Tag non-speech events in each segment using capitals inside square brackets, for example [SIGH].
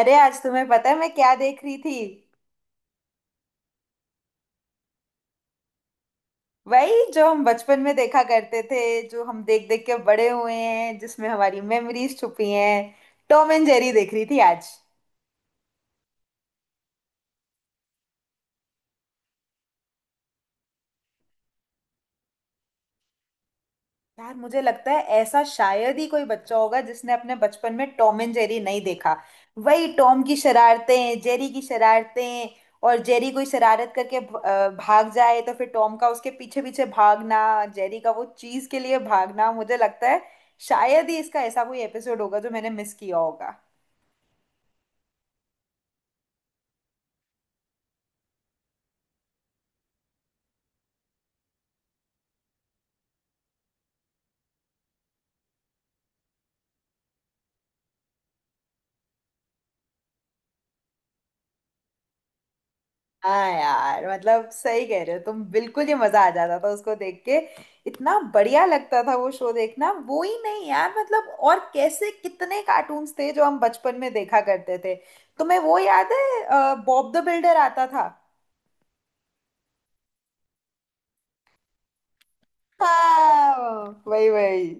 अरे, आज तुम्हें पता है मैं क्या देख रही थी? वही जो हम बचपन में देखा करते थे, जो हम देख देख के बड़े हुए हैं, जिसमें हमारी मेमोरीज छुपी हैं। टॉम एंड जेरी देख रही थी आज। यार, मुझे लगता है ऐसा शायद ही कोई बच्चा होगा जिसने अपने बचपन में टॉम एंड जेरी नहीं देखा। वही टॉम की शरारतें, जेरी की शरारतें, और जेरी कोई शरारत करके भाग जाए तो फिर टॉम का उसके पीछे पीछे भागना, जेरी का वो चीज के लिए भागना। मुझे लगता है शायद ही इसका ऐसा कोई एपिसोड होगा जो मैंने मिस किया होगा। हाँ यार, मतलब सही कह रहे हो तुम, बिल्कुल ही मजा आ जाता था उसको देख के। इतना बढ़िया लगता था वो शो देखना। वो ही नहीं यार, मतलब और कैसे कितने कार्टून्स थे जो हम बचपन में देखा करते थे। तुम्हें वो याद है, बॉब द बिल्डर आता था? हाँ, वही वही।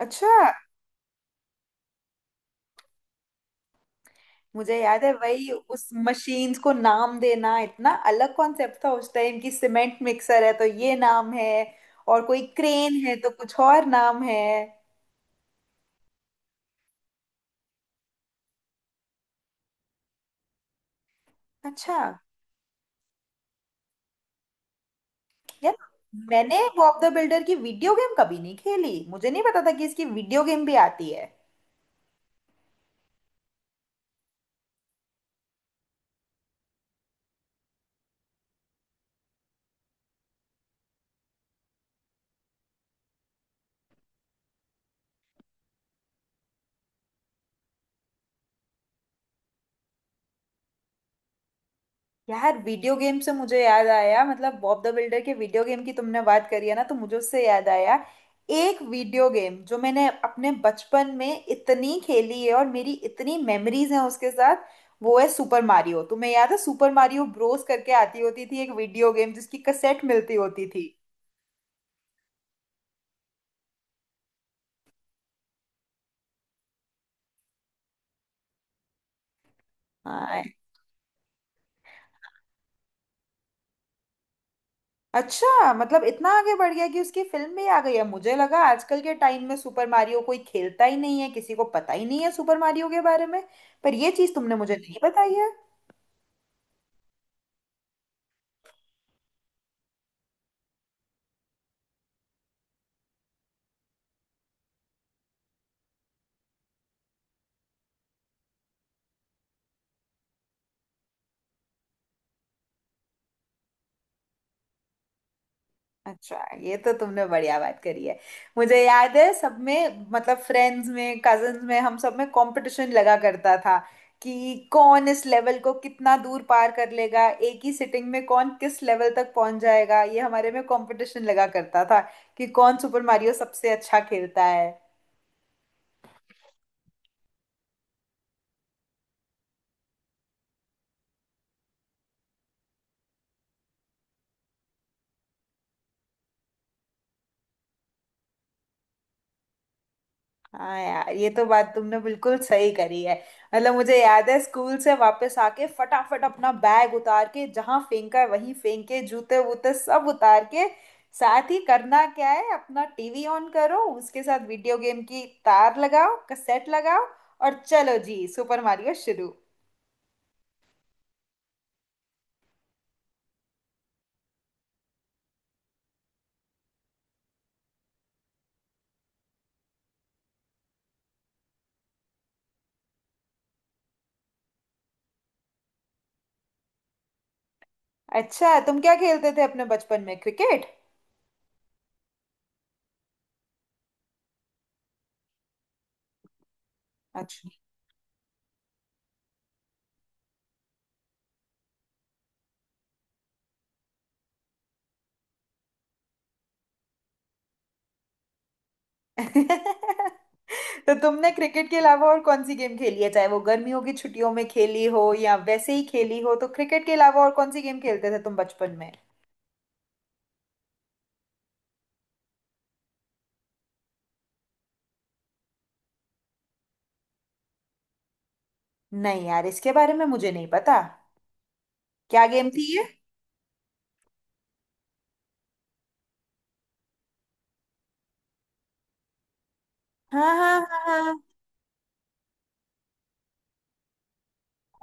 अच्छा। मुझे याद है वही उस मशीन्स को नाम देना इतना अलग कॉन्सेप्ट था उस टाइम की, सीमेंट मिक्सर है तो ये नाम है, और कोई क्रेन है तो कुछ और नाम है। अच्छा। यार, मैंने बॉब द बिल्डर की वीडियो गेम कभी नहीं खेली, मुझे नहीं पता था कि इसकी वीडियो गेम भी आती है। यार, वीडियो गेम से मुझे याद आया, मतलब बॉब द बिल्डर के वीडियो गेम की तुमने बात करी है ना, तो मुझे उससे याद आया एक वीडियो गेम जो मैंने अपने बचपन में इतनी खेली है और मेरी इतनी मेमोरीज हैं उसके साथ। वो है सुपर मारियो। तुम्हें याद है सुपर मारियो ब्रोस करके आती होती थी एक वीडियो गेम जिसकी कैसेट मिलती होती थी? हाँ। अच्छा, मतलब इतना आगे बढ़ गया कि उसकी फिल्म भी आ गई है। मुझे लगा आजकल के टाइम में सुपर मारियो कोई खेलता ही नहीं है, किसी को पता ही नहीं है सुपर मारियो के बारे में। पर ये चीज तुमने मुझे नहीं बताई है। अच्छा, ये तो तुमने बढ़िया बात करी है। मुझे याद है सब में, मतलब फ्रेंड्स में, कजन्स में, हम सब में कंपटीशन लगा करता था कि कौन इस लेवल को कितना दूर पार कर लेगा एक ही सिटिंग में, कौन किस लेवल तक पहुंच जाएगा। ये हमारे में कंपटीशन लगा करता था कि कौन सुपर मारियो सबसे अच्छा खेलता है। हाँ यार, ये तो बात तुमने बिल्कुल सही करी है। मतलब मुझे याद है, स्कूल से वापस आके फटाफट अपना बैग उतार के जहाँ फेंका है वहीं फेंक के, जूते वूते सब उतार के, साथ ही करना क्या है, अपना टीवी ऑन करो, उसके साथ वीडियो गेम की तार लगाओ, कैसेट लगाओ, और चलो जी, सुपर मारियो शुरू। अच्छा, तुम क्या खेलते थे अपने बचपन में? क्रिकेट? अच्छा। [LAUGHS] अच्छा, तो तुमने क्रिकेट के अलावा और कौन सी गेम खेली है? चाहे वो गर्मियों की छुट्टियों में खेली हो या वैसे ही खेली हो, तो क्रिकेट के अलावा और कौन सी गेम खेलते थे तुम बचपन में? नहीं यार, इसके बारे में मुझे नहीं पता। क्या गेम थी ये? हाँ हाँ हाँ हाँ।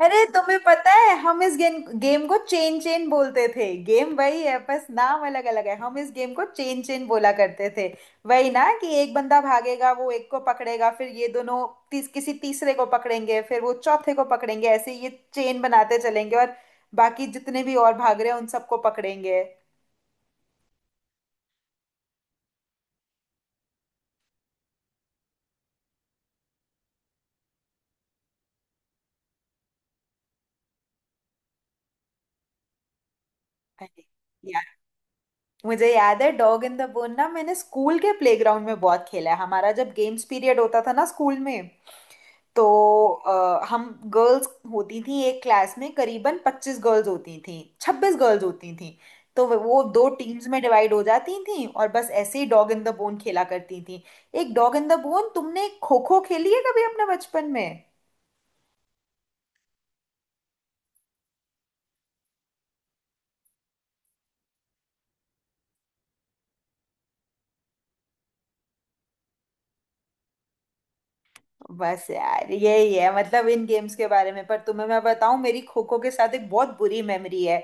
अरे, तुम्हें पता है हम इस गेम गेम को चेन चेन बोलते थे? गेम वही है, बस नाम अलग अलग है। हम इस गेम को चेन चेन बोला करते थे। वही ना कि एक बंदा भागेगा, वो एक को पकड़ेगा, फिर ये दोनों किसी तीसरे को पकड़ेंगे, फिर वो चौथे को पकड़ेंगे, ऐसे ये चेन बनाते चलेंगे, और बाकी जितने भी और भाग रहे हैं उन सबको पकड़ेंगे। अरे यार, मुझे याद है डॉग इन द बोन ना, मैंने स्कूल के प्लेग्राउंड में बहुत खेला है। हमारा जब गेम्स पीरियड होता था ना स्कूल में, तो हम गर्ल्स होती थी एक क्लास में, करीबन 25 गर्ल्स होती थी, 26 गर्ल्स होती थी, तो वो दो टीम्स में डिवाइड हो जाती थी और बस ऐसे ही डॉग इन द बोन खेला करती थी। एक डॉग इन द बोन। तुमने खो खो खेली है कभी अपने बचपन में? बस यार, यही है मतलब इन गेम्स के बारे में। पर तुम्हें मैं बताऊं, मेरी खो खो के साथ एक बहुत बुरी मेमोरी है।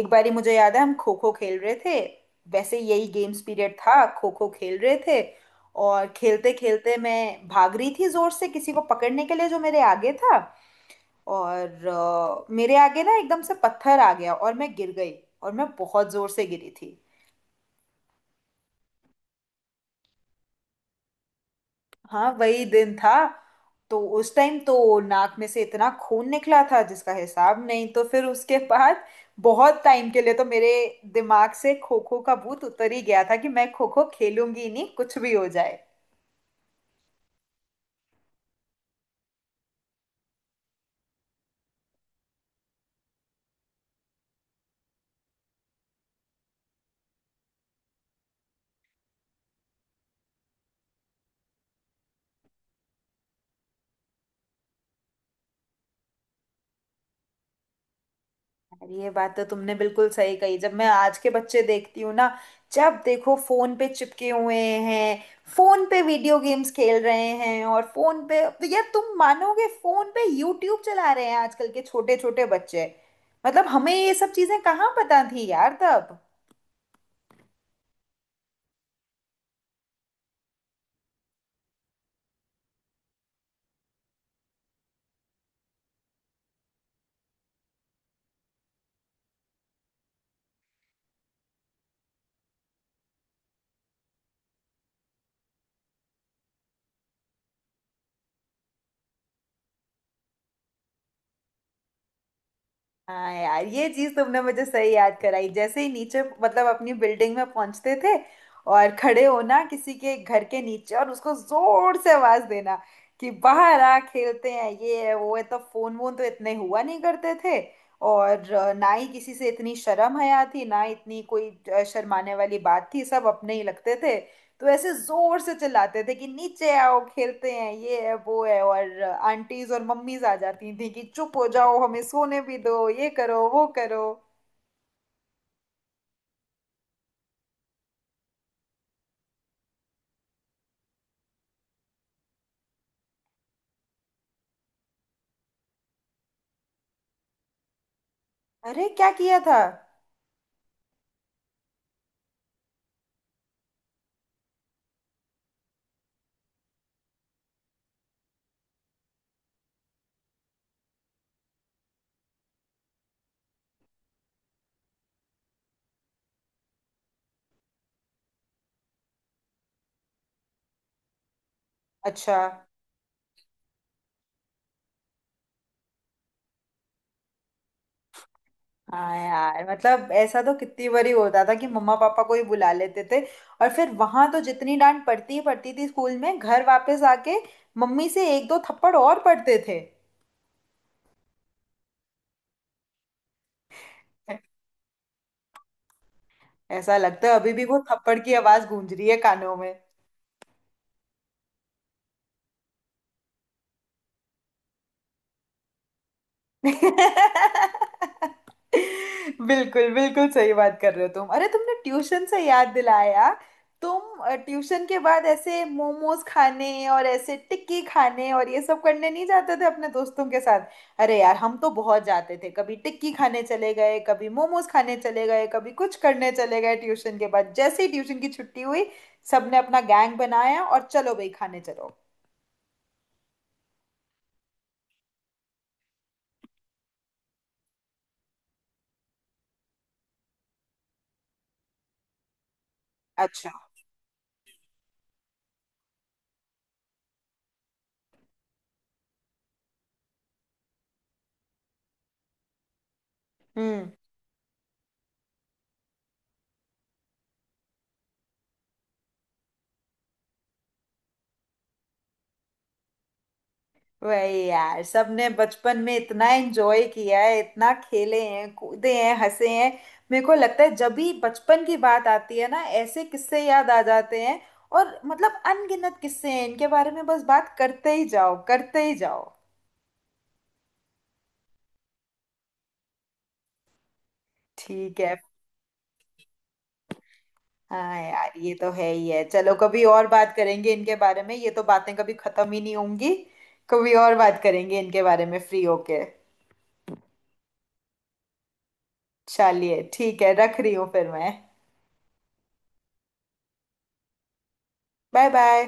एक बारी मुझे याद है, हम खो खो खेल रहे थे, वैसे यही गेम्स पीरियड था, खो खो खेल रहे थे, और खेलते खेलते मैं भाग रही थी जोर से किसी को पकड़ने के लिए जो मेरे आगे था, और मेरे आगे ना एकदम से पत्थर आ गया और मैं गिर गई। और मैं बहुत जोर से गिरी थी। हाँ, वही दिन था। तो उस टाइम तो नाक में से इतना खून निकला था जिसका हिसाब नहीं। तो फिर उसके बाद बहुत टाइम के लिए तो मेरे दिमाग से खो खो का भूत उतर ही गया था कि मैं खो खो खेलूंगी ही नहीं कुछ भी हो जाए। ये बात तो तुमने बिल्कुल सही कही। जब मैं आज के बच्चे देखती हूँ ना, जब देखो फोन पे चिपके हुए हैं, फोन पे वीडियो गेम्स खेल रहे हैं, और फोन पे तो यार तुम मानोगे, फोन पे यूट्यूब चला रहे हैं आजकल के छोटे छोटे बच्चे। मतलब हमें ये सब चीजें कहाँ पता थी यार तब। हाँ यार, ये चीज तुमने मुझे सही याद कराई। जैसे ही नीचे मतलब अपनी बिल्डिंग में पहुंचते थे, और खड़े होना किसी के घर के नीचे और उसको जोर से आवाज देना कि बाहर आ खेलते हैं ये है वो है। तो फोन वोन तो इतने हुआ नहीं करते थे। और ना ही किसी से इतनी शर्म हया थी, ना इतनी कोई शर्माने वाली बात थी, सब अपने ही लगते थे। तो ऐसे जोर से चिल्लाते थे कि नीचे आओ खेलते हैं ये है वो है, और आंटीज और मम्मीज आ जाती थी कि चुप हो जाओ हमें सोने भी दो, ये करो वो करो। अरे, क्या किया था? अच्छा। हाँ यार, मतलब ऐसा तो कितनी बारी होता था कि मम्मा पापा को ही बुला लेते थे। और फिर वहां तो जितनी डांट पड़ती ही पड़ती थी स्कूल में, घर वापस आके मम्मी से एक दो थप्पड़ और पड़ते थे। ऐसा लगता है अभी भी वो थप्पड़ की आवाज गूंज रही है कानों में। बिल्कुल बिल्कुल सही बात कर रहे हो तुम। अरे, तुमने ट्यूशन से याद दिलाया। तुम ट्यूशन के बाद ऐसे मोमोज खाने और ऐसे टिक्की खाने और ये सब करने नहीं जाते थे अपने दोस्तों के साथ? अरे यार, हम तो बहुत जाते थे। कभी टिक्की खाने चले गए, कभी मोमोज खाने चले गए, कभी कुछ करने चले गए ट्यूशन के बाद। जैसे ही ट्यूशन की छुट्टी हुई, सबने अपना गैंग बनाया और चलो भाई खाने चलो। अच्छा। हम्म। वही यार, सबने बचपन में इतना एंजॉय किया है, इतना खेले हैं, कूदे हैं, हंसे हैं। मेरे को लगता है जब भी बचपन की बात आती है ना, ऐसे किस्से याद आ जाते हैं। और मतलब अनगिनत किस्से हैं इनके बारे में, बस बात करते ही जाओ करते ही जाओ। ठीक है। हाँ यार, ये तो है ही है। चलो कभी और बात करेंगे इनके बारे में, ये तो बातें कभी खत्म ही नहीं होंगी। कभी और बात करेंगे इनके बारे में फ्री होके। चलिए ठीक है, रख रही हूँ फिर मैं। Bye bye.